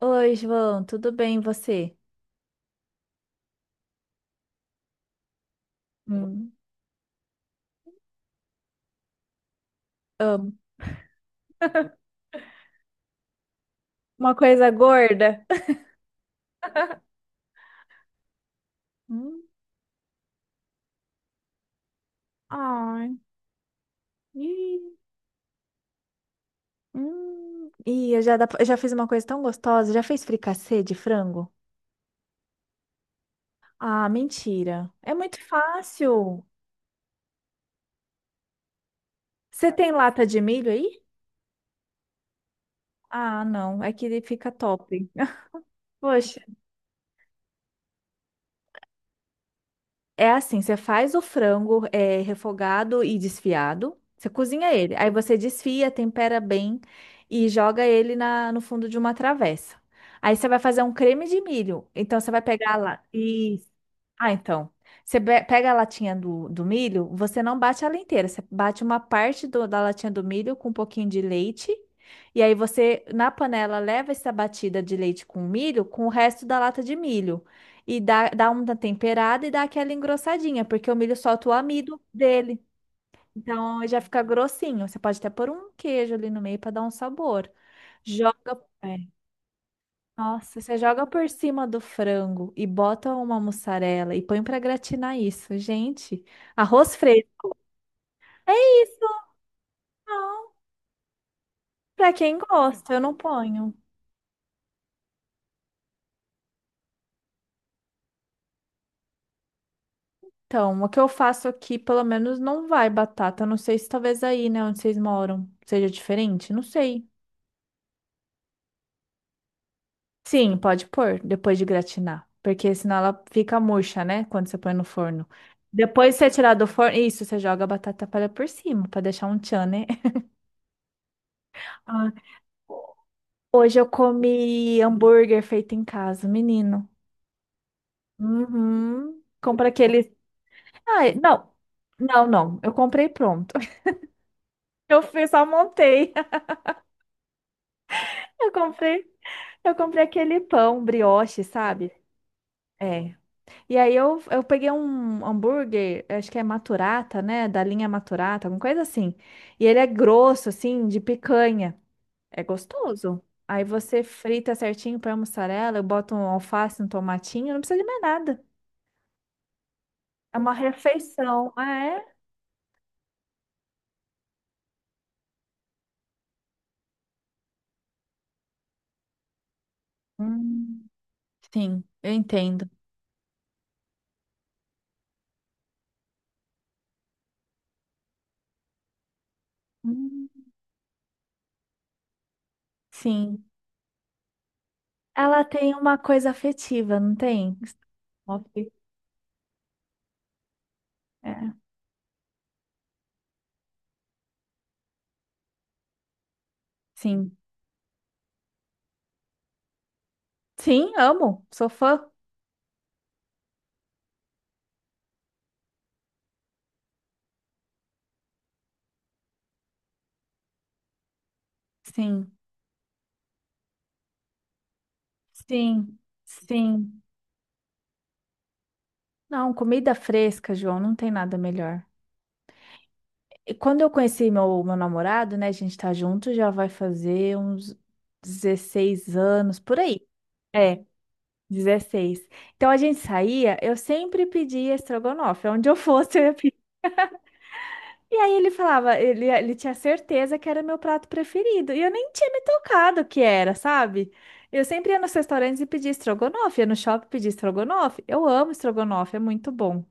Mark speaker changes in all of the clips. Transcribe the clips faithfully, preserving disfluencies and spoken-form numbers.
Speaker 1: Oi, João, tudo bem e você? Hum. Amo. Uma coisa gorda. Hum. Ai. Ih. Hum. Ih, eu já, dá- eu já fiz uma coisa tão gostosa. Já fez fricassê de frango? Ah, mentira. É muito fácil. Você tem lata de milho aí? Ah, não. É que ele fica top. Poxa, é assim, você faz o frango é, refogado e desfiado, você cozinha ele, aí você desfia, tempera bem e joga ele na, no fundo de uma travessa. Aí você vai fazer um creme de milho. Então você vai pegar lá. Isso. Ah, então. Você be- pega a latinha do, do milho, você não bate ela inteira, você bate uma parte do- da latinha do milho com um pouquinho de leite, e aí você, na panela, leva essa batida de leite com milho com o resto da lata de milho. E dá, dá uma temperada e dá aquela engrossadinha, porque o milho solta o amido dele. Então já fica grossinho. Você pode até pôr um queijo ali no meio para dar um sabor. Joga. Nossa, você joga por cima do frango e bota uma mussarela e põe pra gratinar isso. Gente, arroz fresco. É isso, não. Pra quem gosta, eu não ponho. Então, o que eu faço aqui, pelo menos, não vai batata. Eu não sei se talvez aí, né, onde vocês moram, seja diferente. Não sei. Sim, pode pôr depois de gratinar. Porque senão ela fica murcha, né? Quando você põe no forno. Depois que você tirar do forno, isso, você joga a batata palha por cima, pra deixar um tchan, né? Hoje eu comi hambúrguer feito em casa, menino. Uhum. Compra aquele. Ai, não. Não, não. Eu comprei pronto. Eu fiz, só montei. Eu comprei, eu comprei aquele pão brioche, sabe? É. E aí eu, eu peguei um hambúrguer, acho que é Maturata, né? Da linha Maturata, alguma coisa assim. E ele é grosso, assim, de picanha. É gostoso. Aí você frita certinho, põe a mussarela, eu boto um alface, um tomatinho, não precisa de mais nada. É uma refeição, ah, é. Hum, sim, eu entendo. Hum, sim, ela tem uma coisa afetiva, não tem? Snoop, é, sim. Sim, amo, sou fã. Sim, sim, sim. Não, comida fresca, João, não tem nada melhor. E quando eu conheci meu, meu namorado, né, a gente tá junto, já vai fazer uns dezesseis anos, por aí. É. Dezesseis. Então a gente saía, eu sempre pedia estrogonofe, é onde eu fosse eu ia pedir. E aí ele falava, ele, ele tinha certeza que era meu prato preferido, e eu nem tinha me tocado que era, sabe? Eu sempre ia nos restaurantes e pedia estrogonofe, ia no shopping pedir estrogonofe. Eu amo estrogonofe, é muito bom.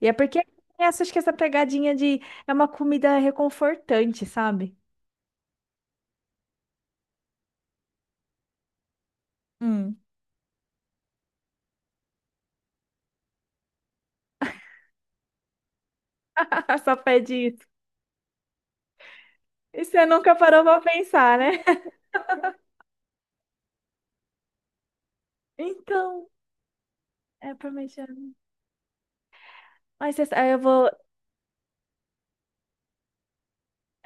Speaker 1: E é porque essa, acho que essa pegadinha de é uma comida reconfortante, sabe? Hum. Só pede isso. E você nunca parou pra pensar, né? Então, é parmegiana. Mas você- aí eu vou.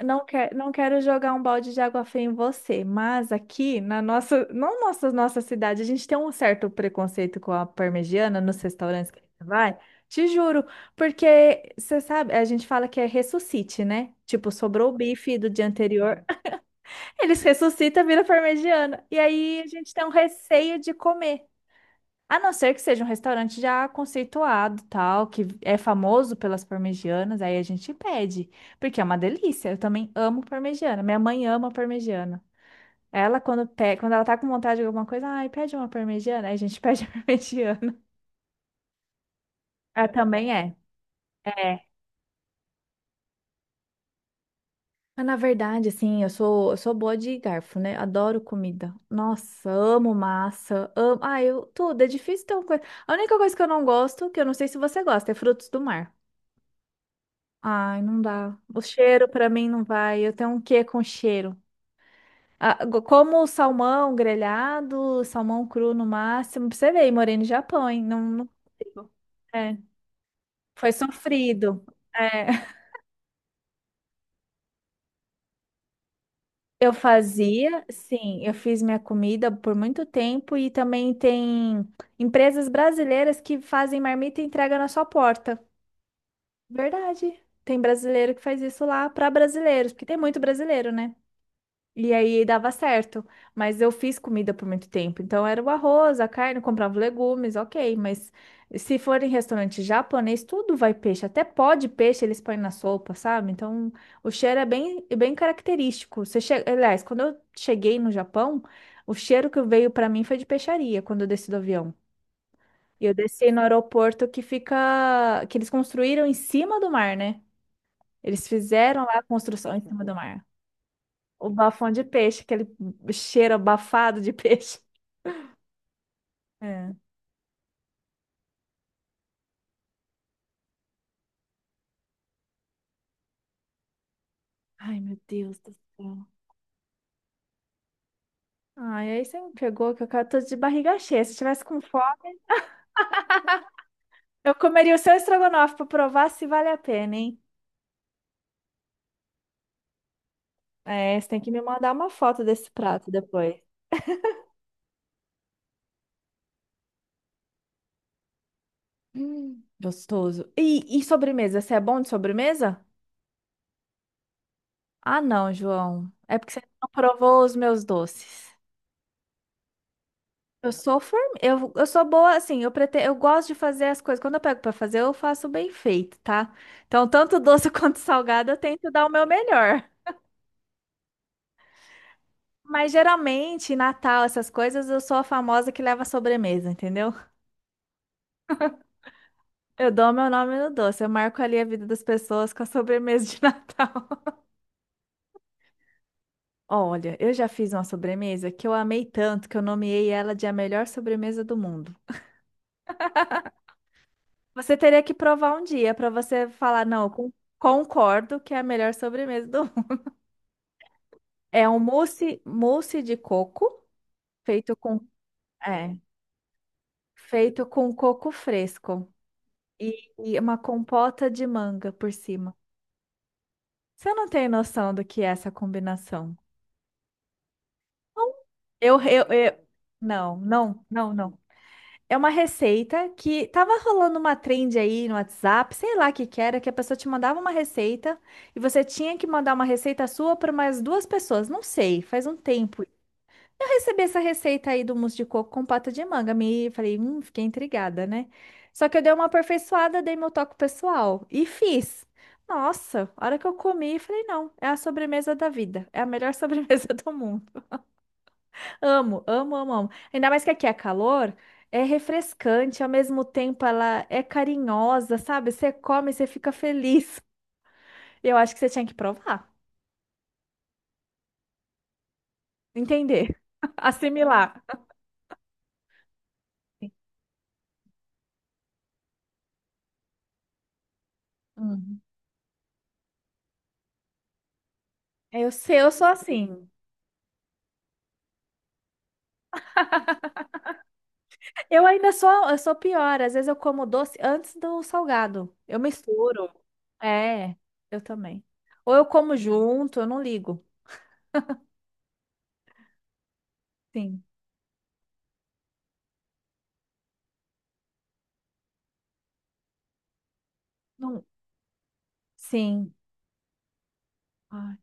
Speaker 1: Não, quer, não quero jogar um balde de água fria em você, mas aqui na nossa, na nossa, nossa cidade, a gente tem um certo preconceito com a parmegiana nos restaurantes que a gente vai, te juro, porque você sabe, a gente fala que é ressuscite, né? Tipo, sobrou o bife do dia anterior, eles ressuscitam, vira parmegiana. E aí a gente tem um receio de comer. A não ser que seja um restaurante já conceituado, tal, que é famoso pelas parmegianas, aí a gente pede, porque é uma delícia. Eu também amo parmegiana. Minha mãe ama parmegiana. Ela, quando, pe... quando ela tá com vontade de alguma coisa, ai, pede uma parmegiana, aí a gente pede a parmegiana. Ela também é. É. Mas na verdade, assim, eu sou, eu sou boa de garfo, né? Adoro comida. Nossa, amo massa, amo. Ah, eu tudo. É difícil ter uma coisa. A única coisa que eu não gosto, que eu não sei se você gosta, é frutos do mar. Ai, não dá. O cheiro pra mim não vai. Eu tenho um quê com cheiro. Ah, go- como salmão grelhado, salmão cru no máximo. Pra você ver, morei no Japão, hein? Não, não consigo. É, foi sofrido. É. Eu fazia, sim, eu fiz minha comida por muito tempo e também tem empresas brasileiras que fazem marmita e entrega na sua porta. Verdade. Tem brasileiro que faz isso lá para brasileiros, porque tem muito brasileiro, né? E aí dava certo. Mas eu fiz comida por muito tempo. Então era o arroz, a carne, eu comprava legumes, ok. Mas se for em restaurante japonês, tudo vai peixe. Até pó de peixe eles põem na sopa, sabe? Então o cheiro é bem, bem característico. Você che... Aliás, quando eu cheguei no Japão, o cheiro que veio para mim foi de peixaria quando eu desci do avião. E eu desci no aeroporto que fica. Que eles construíram em cima do mar, né? Eles fizeram lá a construção em cima do mar. O bafão de peixe, aquele cheiro abafado de peixe. É. Ai, meu Deus do céu. Ai, aí você me pegou que eu ca- tô de barriga cheia. Se eu tivesse com fome, eu comeria o seu estrogonofe pra provar se vale a pena, hein? É, você tem que me mandar uma foto desse prato depois. Hum, gostoso. E, e sobremesa? Você é bom de sobremesa? Ah, não, João. É porque você não provou os meus doces. Eu sou form... eu, eu sou boa, assim, eu prete... eu gosto de fazer as coisas. Quando eu pego pra fazer, eu faço bem feito, tá? Então, tanto doce quanto salgado, eu tento dar o meu melhor. Mas geralmente, Natal, essas coisas, eu sou a famosa que leva a sobremesa, entendeu? Eu dou meu nome no doce, eu marco ali a vida das pessoas com a sobremesa de Natal. Olha, eu já fiz uma sobremesa que eu amei tanto que eu nomeei ela de a melhor sobremesa do mundo. Você teria que provar um dia pra você falar, não, eu con- concordo que é a melhor sobremesa do. É um mousse, mousse de coco feito com é, feito com coco fresco e, e uma compota de manga por cima. Você não tem noção do que é essa combinação? Não. Eu, eu, eu não, não, não, não. É uma receita que tava rolando uma trend aí no WhatsApp, sei lá o que que era, que a pessoa te mandava uma receita e você tinha que mandar uma receita sua para mais duas pessoas. Não sei, faz um tempo. Eu recebi essa receita aí do mousse de coco com pata de manga. Me falei, hum, fiquei intrigada, né? Só que eu dei uma aperfeiçoada, dei meu toque pessoal e fiz. Nossa, a hora que eu comi, falei, não, é a sobremesa da vida. É a melhor sobremesa do mundo. Amo, amo, amo, amo. Ainda mais que aqui é calor, é refrescante, ao mesmo tempo ela é carinhosa, sabe? Você come, você fica feliz. Eu acho que você tinha que provar, entender, assimilar. Hum. Eu sei, eu sou assim. Eu ainda sou, eu sou pior. Às vezes eu como doce antes do salgado. Eu misturo. É, eu também. Ou eu como junto, eu não ligo. Sim. Não, sim. Ai,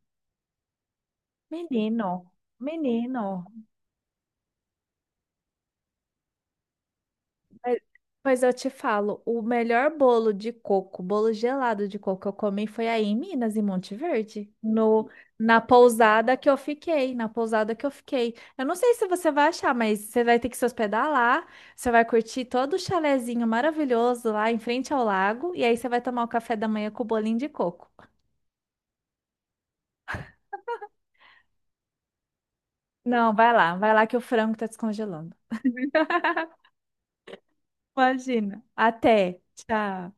Speaker 1: menino, menino. Mas mas eu te falo, o melhor bolo de coco, bolo gelado de coco que eu comi foi aí em Minas, em Monte Verde, no, na pousada que eu fiquei, na pousada que eu fiquei. Eu não sei se você vai achar, mas você vai ter que se hospedar lá, você vai curtir todo o chalezinho maravilhoso lá em frente ao lago, e aí você vai tomar o café da manhã com o bolinho de coco. Não, vai lá, vai lá que o frango tá descongelando. Imagina. Até. Tchau.